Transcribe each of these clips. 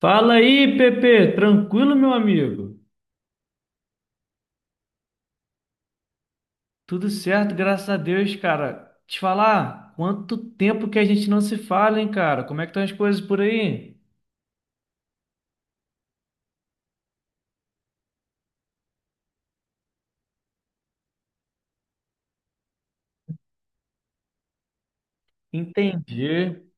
Fala aí, Pepe, tranquilo, meu amigo? Tudo certo, graças a Deus, cara. Te falar, quanto tempo que a gente não se fala, hein, cara? Como é que estão as coisas por aí? Entendi.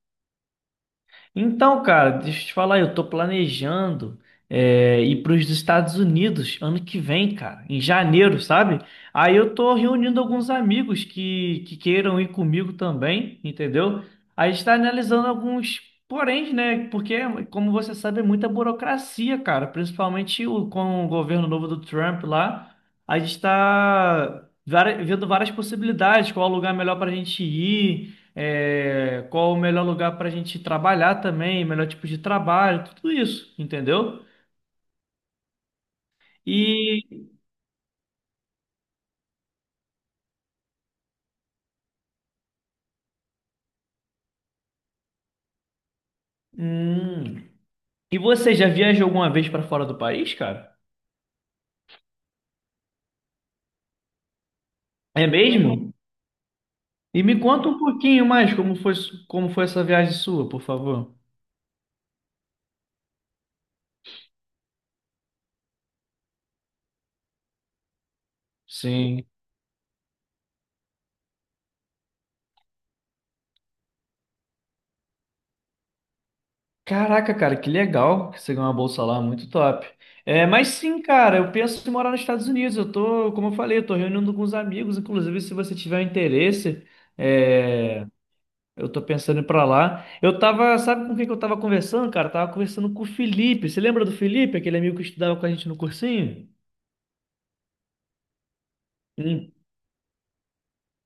Então, cara, deixa eu te falar, eu tô planejando ir para os Estados Unidos ano que vem, cara, em janeiro, sabe? Aí eu tô reunindo alguns amigos que queiram ir comigo também, entendeu? A gente tá analisando alguns porém, né? Porque, como você sabe, é muita burocracia, cara, principalmente com o governo novo do Trump lá. A gente tá vendo várias possibilidades, qual lugar melhor pra gente ir, qual o melhor lugar para a gente trabalhar também, melhor tipo de trabalho, tudo isso, entendeu? E, hum, e você já viajou alguma vez para fora do país, cara? É mesmo? E me conta um pouquinho mais como foi, como foi essa viagem sua, por favor. Sim. Caraca, cara, que legal que você ganhou uma bolsa lá, muito top. É, mas sim, cara, eu penso em morar nos Estados Unidos. Eu tô, como eu falei, eu tô reunindo com os amigos. Inclusive, se você tiver um interesse, é, Eu tô pensando em ir pra lá. Eu tava, sabe com quem que eu tava conversando, cara? Eu tava conversando com o Felipe. Você lembra do Felipe, aquele amigo que estudava com a gente no cursinho? Hum,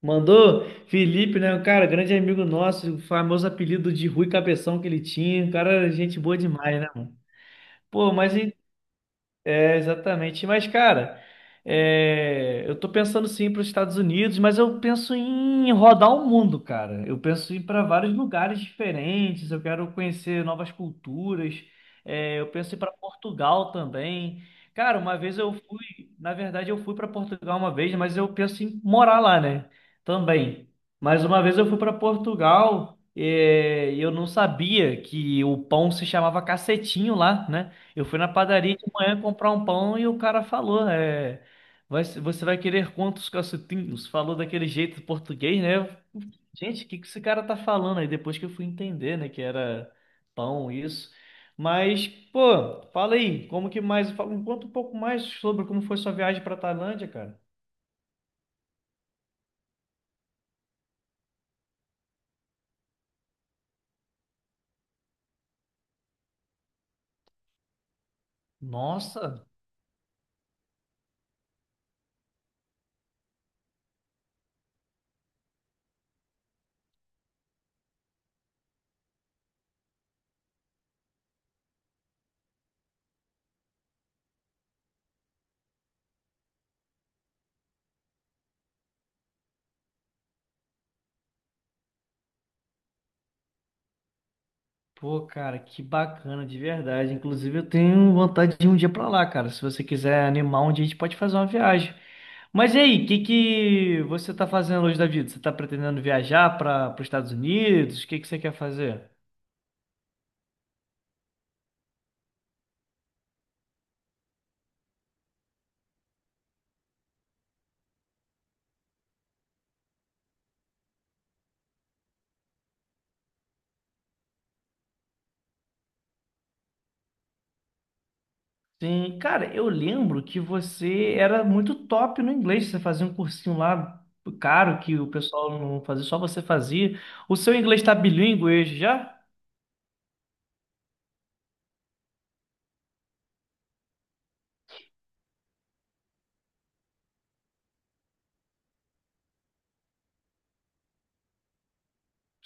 Mandou? Felipe, né? Um cara, grande amigo nosso, o famoso apelido de Rui Cabeção que ele tinha. Um cara, gente boa demais, né, mano? Pô, mas a É, exatamente. Mas, cara, eu tô pensando sim para os Estados Unidos, mas eu penso em rodar o mundo, cara. Eu penso em ir para vários lugares diferentes, eu quero conhecer novas culturas. É, eu penso em ir para Portugal também. Cara, uma vez eu fui, na verdade, eu fui para Portugal uma vez, mas eu penso em morar lá, né? Também. Mas uma vez eu fui para Portugal, e eu não sabia que o pão se chamava cacetinho lá, né? Eu fui na padaria de manhã comprar um pão e o cara falou, você vai querer quantos cacetinhos? Falou daquele jeito português, né? Gente, o que que esse cara tá falando? Aí depois que eu fui entender, né, que era pão, isso. Mas, pô, fala aí, como que mais, conta um pouco mais sobre como foi sua viagem pra Tailândia, cara. Nossa, pô, cara, que bacana, de verdade. Inclusive, eu tenho vontade de ir um dia pra lá, cara. Se você quiser animar um dia, a gente pode fazer uma viagem. Mas e aí, o que que você tá fazendo hoje da vida? Você tá pretendendo viajar para os Estados Unidos? O que que você quer fazer? Sim, cara, eu lembro que você era muito top no inglês. Você fazia um cursinho lá caro que o pessoal não fazia, só você fazia. O seu inglês tá bilíngue hoje já?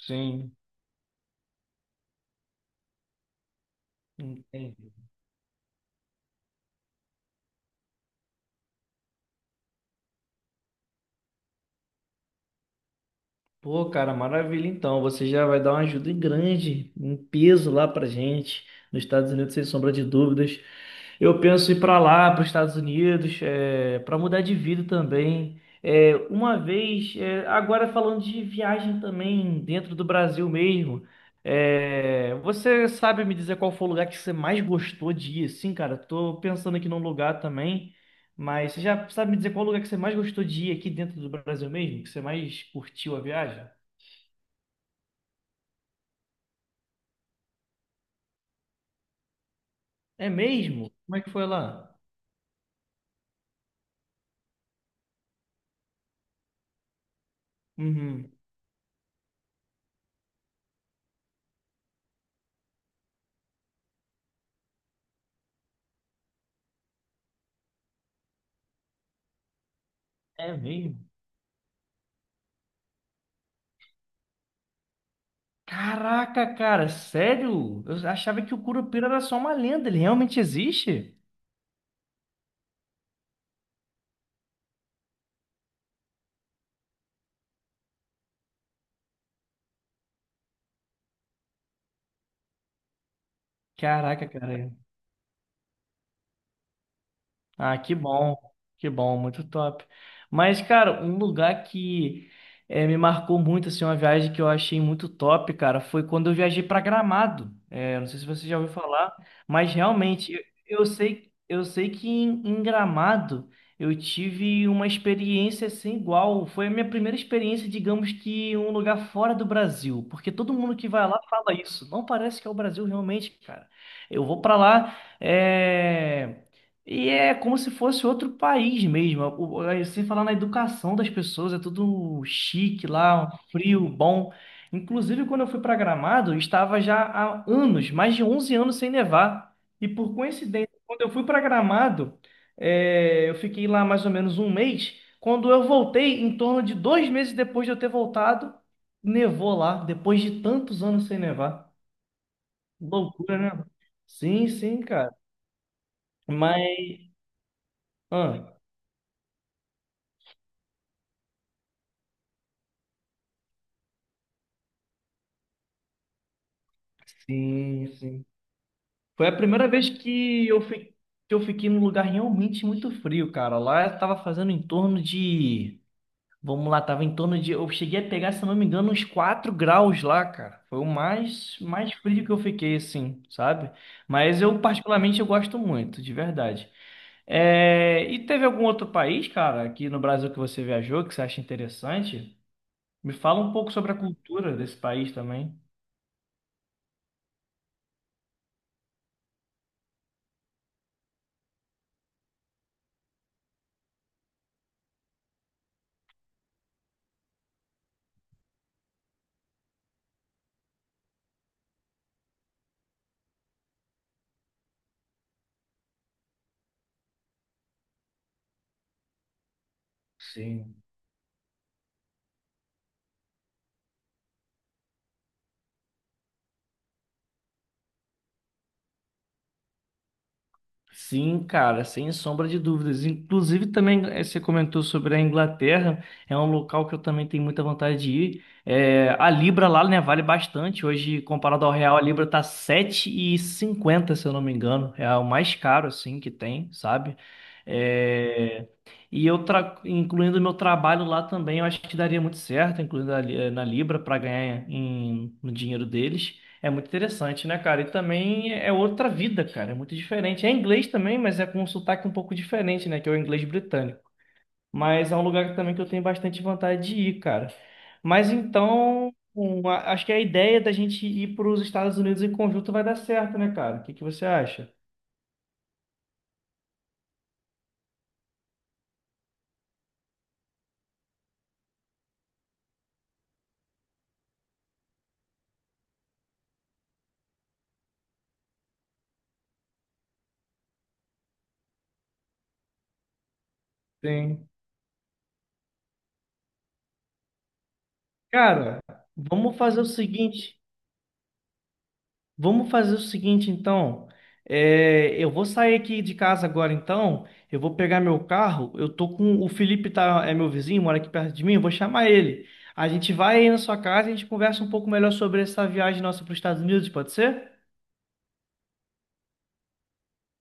Sim, entendi. Pô, cara, maravilha. Então, você já vai dar uma ajuda grande, um peso lá pra gente, nos Estados Unidos, sem sombra de dúvidas. Eu penso ir pra lá, para os Estados Unidos, para mudar de vida também. Agora falando de viagem também, dentro do Brasil mesmo, você sabe me dizer qual foi o lugar que você mais gostou de ir? Sim, cara, tô pensando aqui num lugar também. Mas você já sabe me dizer qual lugar que você mais gostou de ir aqui dentro do Brasil mesmo? Que você mais curtiu a viagem? É mesmo? Como é que foi lá? Uhum. É mesmo? Caraca, cara, sério? Eu achava que o Curupira era só uma lenda, ele realmente existe? Caraca, cara. Ah, que bom, muito top. Mas, cara, um lugar que me marcou muito, assim, uma viagem que eu achei muito top, cara, foi quando eu viajei para Gramado. Não sei se você já ouviu falar, mas realmente eu sei que em Gramado eu tive uma experiência sem igual. Foi a minha primeira experiência, digamos que em um lugar fora do Brasil, porque todo mundo que vai lá fala isso. Não parece que é o Brasil realmente, cara. Eu vou para lá. E é como se fosse outro país mesmo. Sem falar na educação das pessoas, é tudo chique lá, um frio, bom. Inclusive, quando eu fui para Gramado, estava já há anos, mais de 11 anos sem nevar. E por coincidência, quando eu fui para Gramado, eu fiquei lá mais ou menos um mês. Quando eu voltei, em torno de 2 meses depois de eu ter voltado, nevou lá, depois de tantos anos sem nevar. Loucura, né? Sim, sim, cara. Mas. Ah. Sim, sim. Foi a primeira vez que eu fiquei num lugar realmente muito frio, cara. Lá tava fazendo em torno de. Vamos lá, tava em torno de. Eu cheguei a pegar, se eu não me engano, uns 4 graus lá, cara. Foi o mais frio que eu fiquei, assim, sabe? Mas eu, particularmente, eu gosto muito, de verdade. E teve algum outro país, cara, aqui no Brasil que você viajou, que você acha interessante? Me fala um pouco sobre a cultura desse país também. Sim. Sim, cara, sem sombra de dúvidas. Inclusive, também você comentou sobre a Inglaterra, é um local que eu também tenho muita vontade de ir. É, a Libra lá, né, vale bastante. Hoje, comparado ao real, a Libra tá 7,50 se eu não me engano. É o mais caro, assim, que tem, sabe? É, Incluindo o meu trabalho lá também, eu acho que daria muito certo, incluindo na Libra, para ganhar em, no dinheiro deles. É muito interessante, né, cara? E também é outra vida, cara. É muito diferente. É inglês também, mas é com um sotaque um pouco diferente, né? Que é o inglês britânico. Mas é um lugar também que eu tenho bastante vontade de ir, cara. Mas então, acho que a ideia da gente ir para os Estados Unidos em conjunto vai dar certo, né, cara? O que que você acha? Sim. Cara, vamos fazer o seguinte. Vamos fazer o seguinte, então. Eu vou sair aqui de casa agora, então. Eu vou pegar meu carro. Eu tô com o Felipe, tá, é meu vizinho, mora aqui perto de mim. Eu vou chamar ele. A gente vai aí na sua casa e a gente conversa um pouco melhor sobre essa viagem nossa para os Estados Unidos, pode ser?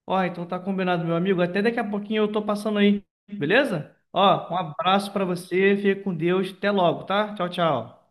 Ó, então tá combinado, meu amigo. Até daqui a pouquinho eu tô passando aí, beleza? Ó, um abraço para você, fica com Deus. Até logo, tá? Tchau, tchau.